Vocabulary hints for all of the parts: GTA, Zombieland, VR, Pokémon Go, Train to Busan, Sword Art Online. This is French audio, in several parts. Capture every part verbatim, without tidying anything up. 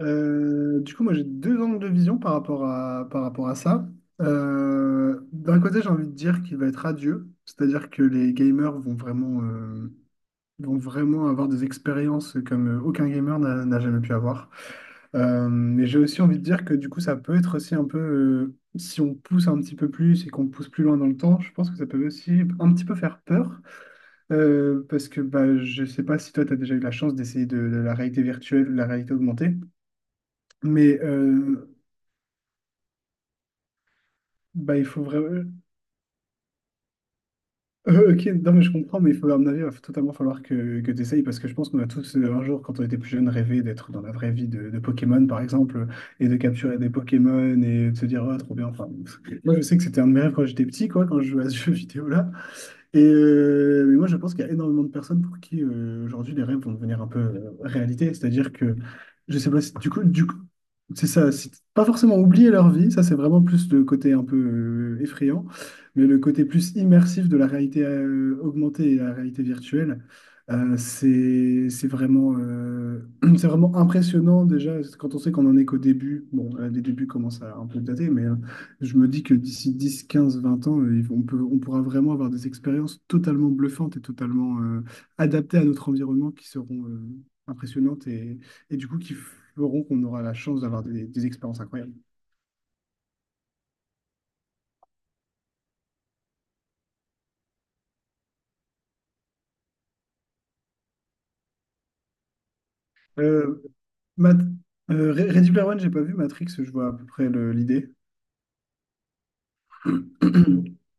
Euh, du coup, moi, j'ai deux angles de vision par rapport à, par rapport à ça. Euh, d'un côté, j'ai envie de dire qu'il va être radieux, c'est-à-dire que les gamers vont vraiment, euh, vont vraiment avoir des expériences comme euh, aucun gamer n'a n'a jamais pu avoir. Euh, mais j'ai aussi envie de dire que du coup, ça peut être aussi un peu, euh, si on pousse un petit peu plus et qu'on pousse plus loin dans le temps, je pense que ça peut aussi un petit peu faire peur. Euh, parce que bah, je sais pas si toi, tu as déjà eu la chance d'essayer de, de la réalité virtuelle ou de la réalité augmentée. Mais euh, Bah, il faut vraiment. Ok, non, mais je comprends, mais il faut, à mon avis, il va totalement falloir que, que tu essayes parce que je pense qu'on a tous, euh, un jour, quand on était plus jeune, rêvé d'être dans la vraie vie de, de Pokémon, par exemple, et de capturer des Pokémon et de se dire, oh, trop bien. Enfin, bon. moi, je sais que c'était un de mes rêves quand j'étais petit, quoi, quand je jouais à ce jeu vidéo-là. Et euh, mais moi, je pense qu'il y a énormément de personnes pour qui euh, aujourd'hui les rêves vont devenir un peu euh, réalité. C'est-à-dire que, je sais pas si du coup, du coup, c'est ça, c'est pas forcément oublier leur vie, ça c'est vraiment plus le côté un peu euh, effrayant, mais le côté plus immersif de la réalité euh, augmentée et la réalité virtuelle, euh, c'est c'est vraiment, euh, c'est vraiment impressionnant déjà quand on sait qu'on en est qu'au début. Bon, euh, les débuts commencent à un peu dater, mais. euh, Je me dis que d'ici dix, quinze, vingt ans, euh, ils vont- on peut, on pourra vraiment avoir des expériences totalement bluffantes et totalement euh, adaptées à notre environnement qui seront euh, impressionnantes et, et du coup qui feront qu'on aura la chance d'avoir des, des expériences incroyables. Euh, Mat- euh, Re- Ready Player One, j'ai pas vu Matrix, je vois à peu près le- l'idée.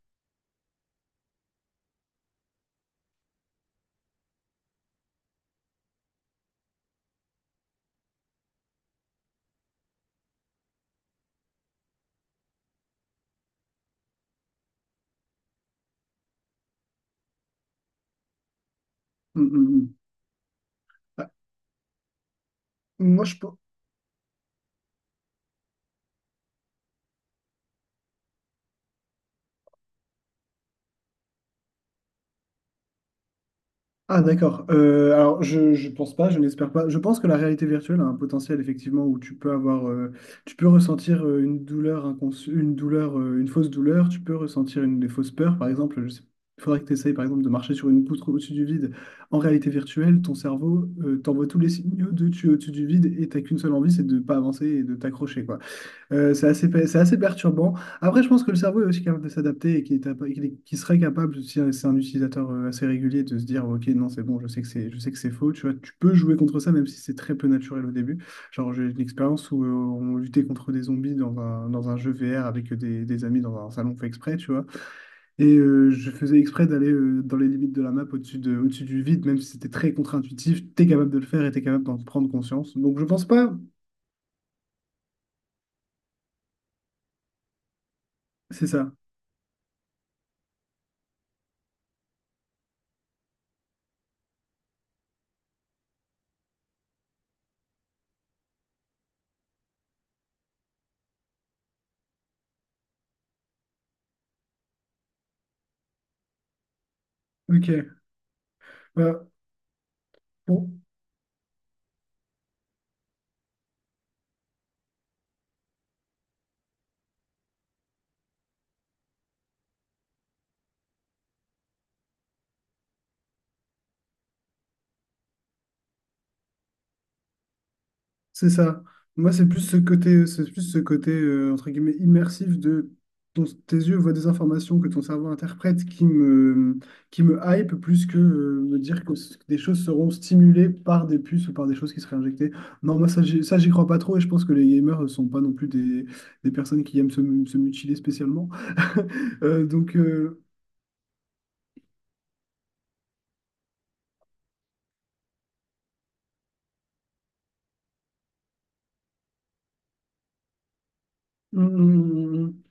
Hum, hum, hum. Ah. Moi, je, pe- Ah d'accord. Euh, alors je je pense pas, je n'espère pas. Je pense que la réalité virtuelle a un potentiel effectivement où tu peux avoir, euh, tu peux ressentir euh, une douleur incons- une douleur, euh, une fausse douleur. Tu peux ressentir une des fausses peurs, par exemple. Je sais- Il faudrait que tu essayes par exemple de marcher sur une poutre au-dessus du vide. En réalité virtuelle, ton cerveau euh, t'envoie tous les signaux de tu es au-dessus du vide et t'as qu'une seule envie, c'est de pas avancer et de t'accrocher quoi. Euh, c'est assez, pa- c'est assez perturbant. Après, je pense que le cerveau est aussi capable de s'adapter et qu'il est apa- qu'il est- qu'il serait capable, si c'est un utilisateur euh, assez régulier, de se dire, OK, non, c'est bon, je sais que c'est, je sais que c'est faux. Tu vois, tu peux jouer contre ça, même si c'est très peu naturel au début. Genre, j'ai une expérience où euh, on luttait contre des zombies dans un, dans un jeu V R avec des, des amis dans un salon fait exprès, tu vois. Et euh, je faisais exprès d'aller euh, dans les limites de la map au-dessus de, au-dessus du vide, même si c'était très contre-intuitif. T'es capable de le faire et t'es capable d'en prendre conscience. Donc, je pense pas. C'est ça. OK. Bah, bon. C'est ça. Moi, c'est plus ce côté, c'est plus ce côté euh, entre guillemets immersif de ton- tes yeux voient des informations que ton cerveau interprète qui me, qui me hype plus que euh, me dire que c- des choses seront stimulées par des puces ou par des choses qui seraient injectées. Non, moi, ça, j'y- ça, j'y crois pas trop et je pense que les gamers ne sont pas non plus des, des personnes qui aiment se, mu- se mutiler spécialement. Euh, donc, euh, mm, mm, mm, mm, mm.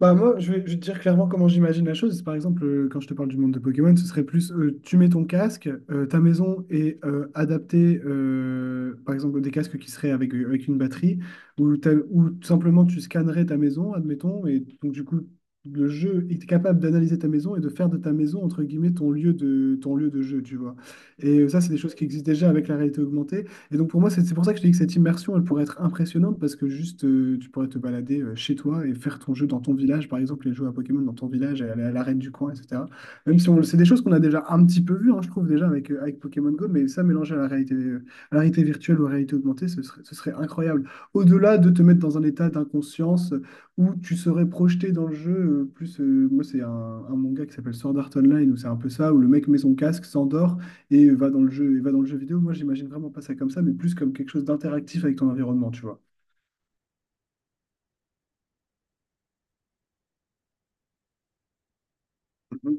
Bah moi, je vais, je vais te dire clairement comment j'imagine la chose. Par exemple, euh, quand je te parle du monde de Pokémon, ce serait plus euh, tu mets ton casque, euh, ta maison est euh, adaptée, euh, par exemple, des casques qui seraient avec, euh, avec une batterie, ou, t'as- ou tout simplement tu scannerais ta maison, admettons, et donc du coup, le jeu est capable d'analyser ta maison et de faire de ta maison, entre guillemets, ton lieu de, ton lieu de jeu, tu vois. Et euh, ça, c'est des choses qui existent déjà avec la réalité augmentée. Et donc pour moi, c'est c'est pour ça que je te dis que cette immersion, elle pourrait être impressionnante parce que juste, euh, tu pourrais te balader euh, chez toi et faire ton jeu dans ton village, par exemple, et jouer à Pokémon dans ton village, et aller à l'arène du coin, et cetera. Même si on, c'est des choses qu'on a déjà un petit peu vues, hein, je trouve, déjà avec, euh, avec Pokémon Go, mais ça mélangé à la réalité, euh, à la réalité virtuelle ou à la réalité augmentée, ce serait, ce serait incroyable. Au-delà de te mettre dans un état d'inconscience euh, où tu serais projeté dans le jeu, euh, plus, euh, moi, c'est un, un manga qui s'appelle Sword Art Online, où c'est un peu ça, où le mec met son casque, s'endort et va dans le jeu, et va dans le jeu vidéo. Moi, j'imagine vraiment pas ça comme ça, mais plus comme quelque chose d'interactif avec ton environnement, tu vois. Mhm.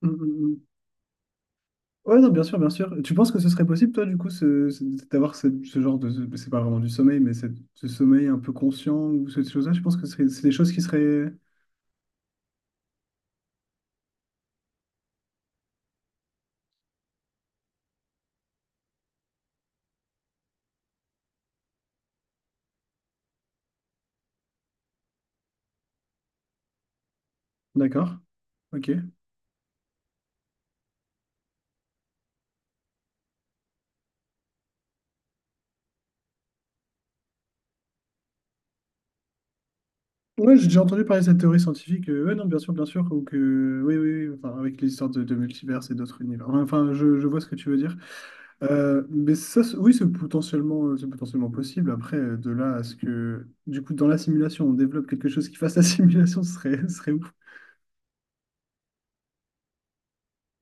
Mhm, mhm. Ouais, non, bien sûr, bien sûr. Tu penses que ce serait possible, toi, du coup, ce- ce- d'avoir ce, ce genre de... C'est pas vraiment du sommeil, mais ce, ce sommeil un peu conscient ou ces choses-là, je pense que ce serait- c'est des choses qui seraient... D'accord. Ok. Ouais, j'ai déjà entendu parler de cette théorie scientifique. euh, ouais, non, bien sûr, bien sûr. Ou que... Oui, oui, oui, enfin, avec l'histoire de, de multivers et d'autres univers. Enfin, je, je vois ce que tu veux dire. Euh, mais ça, c'est- oui, c'est potentiellement, euh, c'est potentiellement possible. Après, euh, de là à ce que, du coup, dans la simulation, on développe quelque chose qui fasse la simulation, ce serait, ce serait ouf.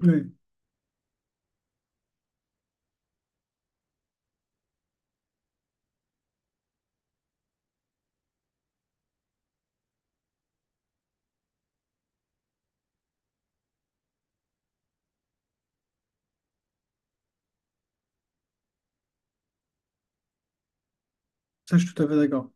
Ouais, ça, je suis tout à fait d'accord.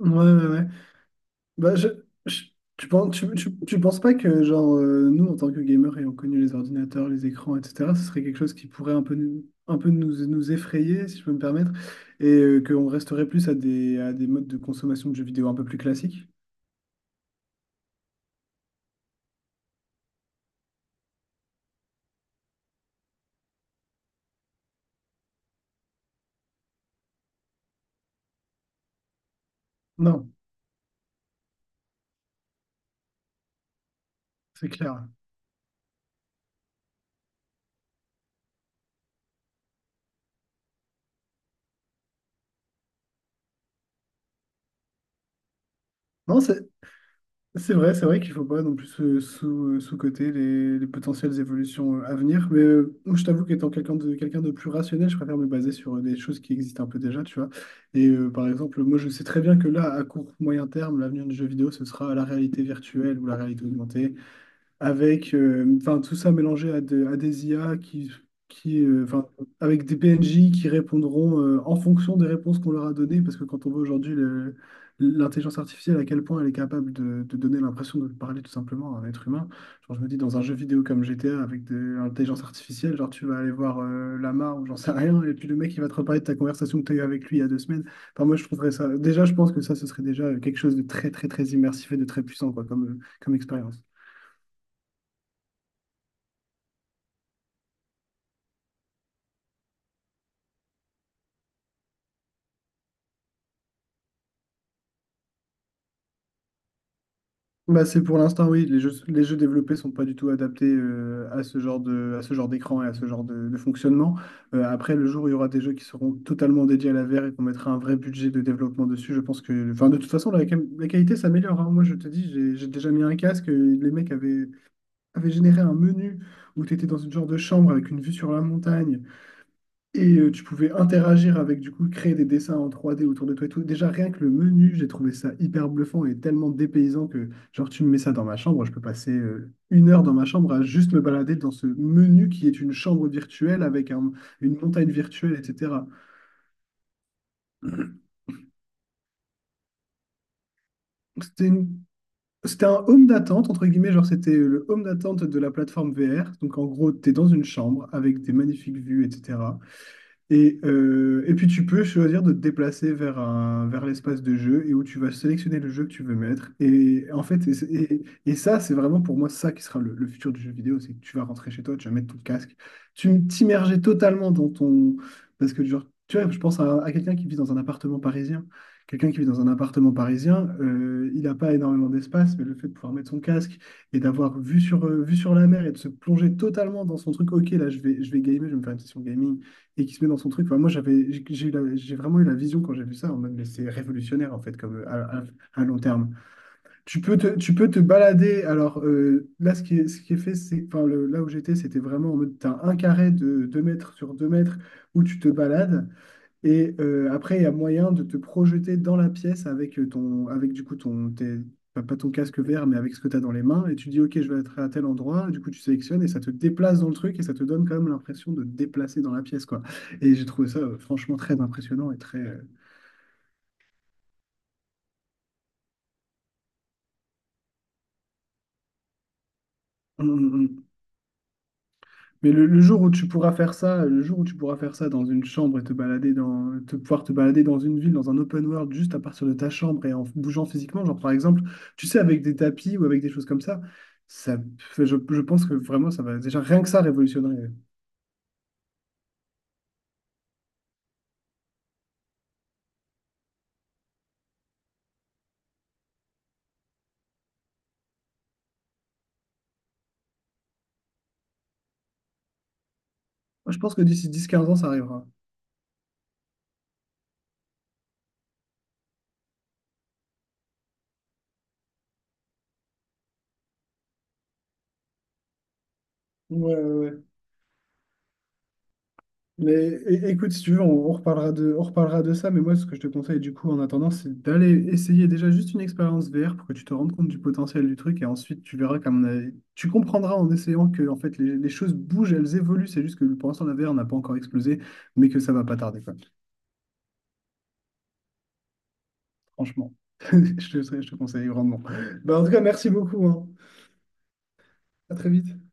Ouais, ouais, ouais. Bah, je, je- tu penses, tu, tu, tu penses pas que, genre, euh, nous, en tant que gamers, ayant connu les ordinateurs, les écrans, et cetera, ce serait quelque chose qui pourrait un peu, nous- un peu nous, nous effrayer, si je peux me permettre, et euh, qu'on resterait plus à des, à des modes de consommation de jeux vidéo un peu plus classiques? Non, c'est clair. Non, c'est C'est vrai, c'est vrai qu'il faut pas non plus euh, sous, euh, sous-coter les, les potentielles évolutions euh, à venir. Mais euh, je t'avoue qu'étant quelqu'un de, quelqu'un de plus rationnel, je préfère me baser sur euh, des choses qui existent un peu déjà, tu vois. Et euh, par exemple, moi, je sais très bien que là, à court, moyen terme, l'avenir du jeu vidéo, ce sera la réalité virtuelle ou la réalité augmentée avec euh, enfin, tout ça mélangé à, de- à des I A qui, qui, euh, enfin, avec des P N J qui répondront euh, en fonction des réponses qu'on leur a données, parce que quand on voit aujourd'hui le- l'intelligence artificielle, à quel point elle est capable de, de donner l'impression de parler tout simplement à un être humain, genre, je me dis dans un jeu vidéo comme G T A avec de l'intelligence artificielle, genre tu vas aller voir euh, Lama ou j'en sais rien, et puis le mec il va te reparler de ta conversation que tu as eue avec lui il y a deux semaines. Enfin, moi je trouverais ça, déjà je pense que ça ce serait déjà quelque chose de très très très immersif et de très puissant quoi, comme, comme expérience. Bah, c'est pour l'instant, oui. Les jeux, les jeux développés sont pas du tout adaptés euh, à ce genre de, à ce genre d'écran et à ce genre de, de fonctionnement. Euh, après, le jour où il y aura des jeux qui seront totalement dédiés à la V R et qu'on mettra un vrai budget de développement dessus, je pense que, enfin, de toute façon, la, la qualité s'améliore. hein. Moi, je te dis, j'ai j'ai déjà mis un casque. et Les mecs avaient, avaient généré un menu où tu étais dans une genre de chambre avec une vue sur la montagne. Et euh, tu pouvais interagir avec, du coup, créer des dessins en trois d autour de toi et tout. Déjà, rien que le menu, j'ai trouvé ça hyper bluffant et tellement dépaysant que, genre, tu me mets ça dans ma chambre, je peux passer euh, une heure dans ma chambre à juste me balader dans ce menu qui est une chambre virtuelle avec un- une montagne virtuelle, et cetera. Donc, c'était une- c'était un home d'attente, entre guillemets, genre, c'était euh, le home d'attente de la plateforme V R. Donc, en gros, tu es dans une chambre avec des magnifiques vues, et cetera. Et, euh, et puis tu peux choisir de te déplacer vers un, vers l'espace de jeu et où tu vas sélectionner le jeu que tu veux mettre. Et en fait, et, c'est- et- et ça, c'est vraiment pour moi ça qui sera le, le futur du jeu vidéo, c'est que tu vas rentrer chez toi, tu vas mettre ton casque, tu t'immerger totalement dans ton... Parce que genre, tu vois, je pense à, à quelqu'un qui vit dans un appartement parisien. Quelqu'un qui vit dans un appartement parisien, euh, il n'a pas énormément d'espace, mais le fait de pouvoir mettre son casque et d'avoir vue sur, euh, vue sur la mer et de se plonger totalement dans son truc, ok, là, je vais, je vais gamer, je vais me faire une session gaming et qui se met dans son truc. Enfin, moi, j'avais, j'ai j'ai eu la- j'ai vraiment eu la vision quand j'ai vu ça, en mode, mais c'est révolutionnaire, en fait, comme euh, à, à- à long terme. Tu peux te, tu peux te balader. Alors, euh, là, ce qui est, ce qui est fait, c'est, enfin, le- là où j'étais, c'était vraiment en mode, t'as un carré de deux mètres sur deux mètres où tu te balades. Et euh, après, il y a moyen de te projeter dans la pièce avec euh, ton, avec du coup ton, tes- pas pas ton casque vert, mais avec ce que tu as dans les mains. Et tu dis, OK, je vais être à tel endroit. Et du coup, tu sélectionnes et ça te déplace dans le truc et ça te donne quand même l'impression de te déplacer dans la pièce, quoi. Et j'ai trouvé ça euh, franchement très impressionnant et très. euh, Mais le, le jour où tu pourras faire ça, le jour où tu pourras faire ça dans une chambre et te balader dans, te, pouvoir te balader dans une ville, dans un open world, juste à partir de ta chambre et en bougeant physiquement, genre par exemple, tu sais, avec des tapis ou avec des choses comme ça, ça, je, je pense que vraiment, ça va déjà rien que ça révolutionnerait. Moi, je pense que d'ici dix, quinze ans, ça arrivera. Ouais, ouais, ouais. Mais é- écoute, si tu veux, on, on reparlera de, on reparlera de ça, mais moi, ce que je te conseille du coup en attendant, c'est d'aller essayer déjà juste une expérience V R pour que tu te rendes compte du potentiel du truc et ensuite tu verras qu'à tu comprendras en essayant que en fait les, les choses bougent, elles évoluent, c'est juste que pour l'instant la V R n'a pas encore explosé, mais que ça va pas tarder quoi. Franchement, je te, je te conseille grandement. Bah, en tout cas, merci beaucoup, hein. À très vite.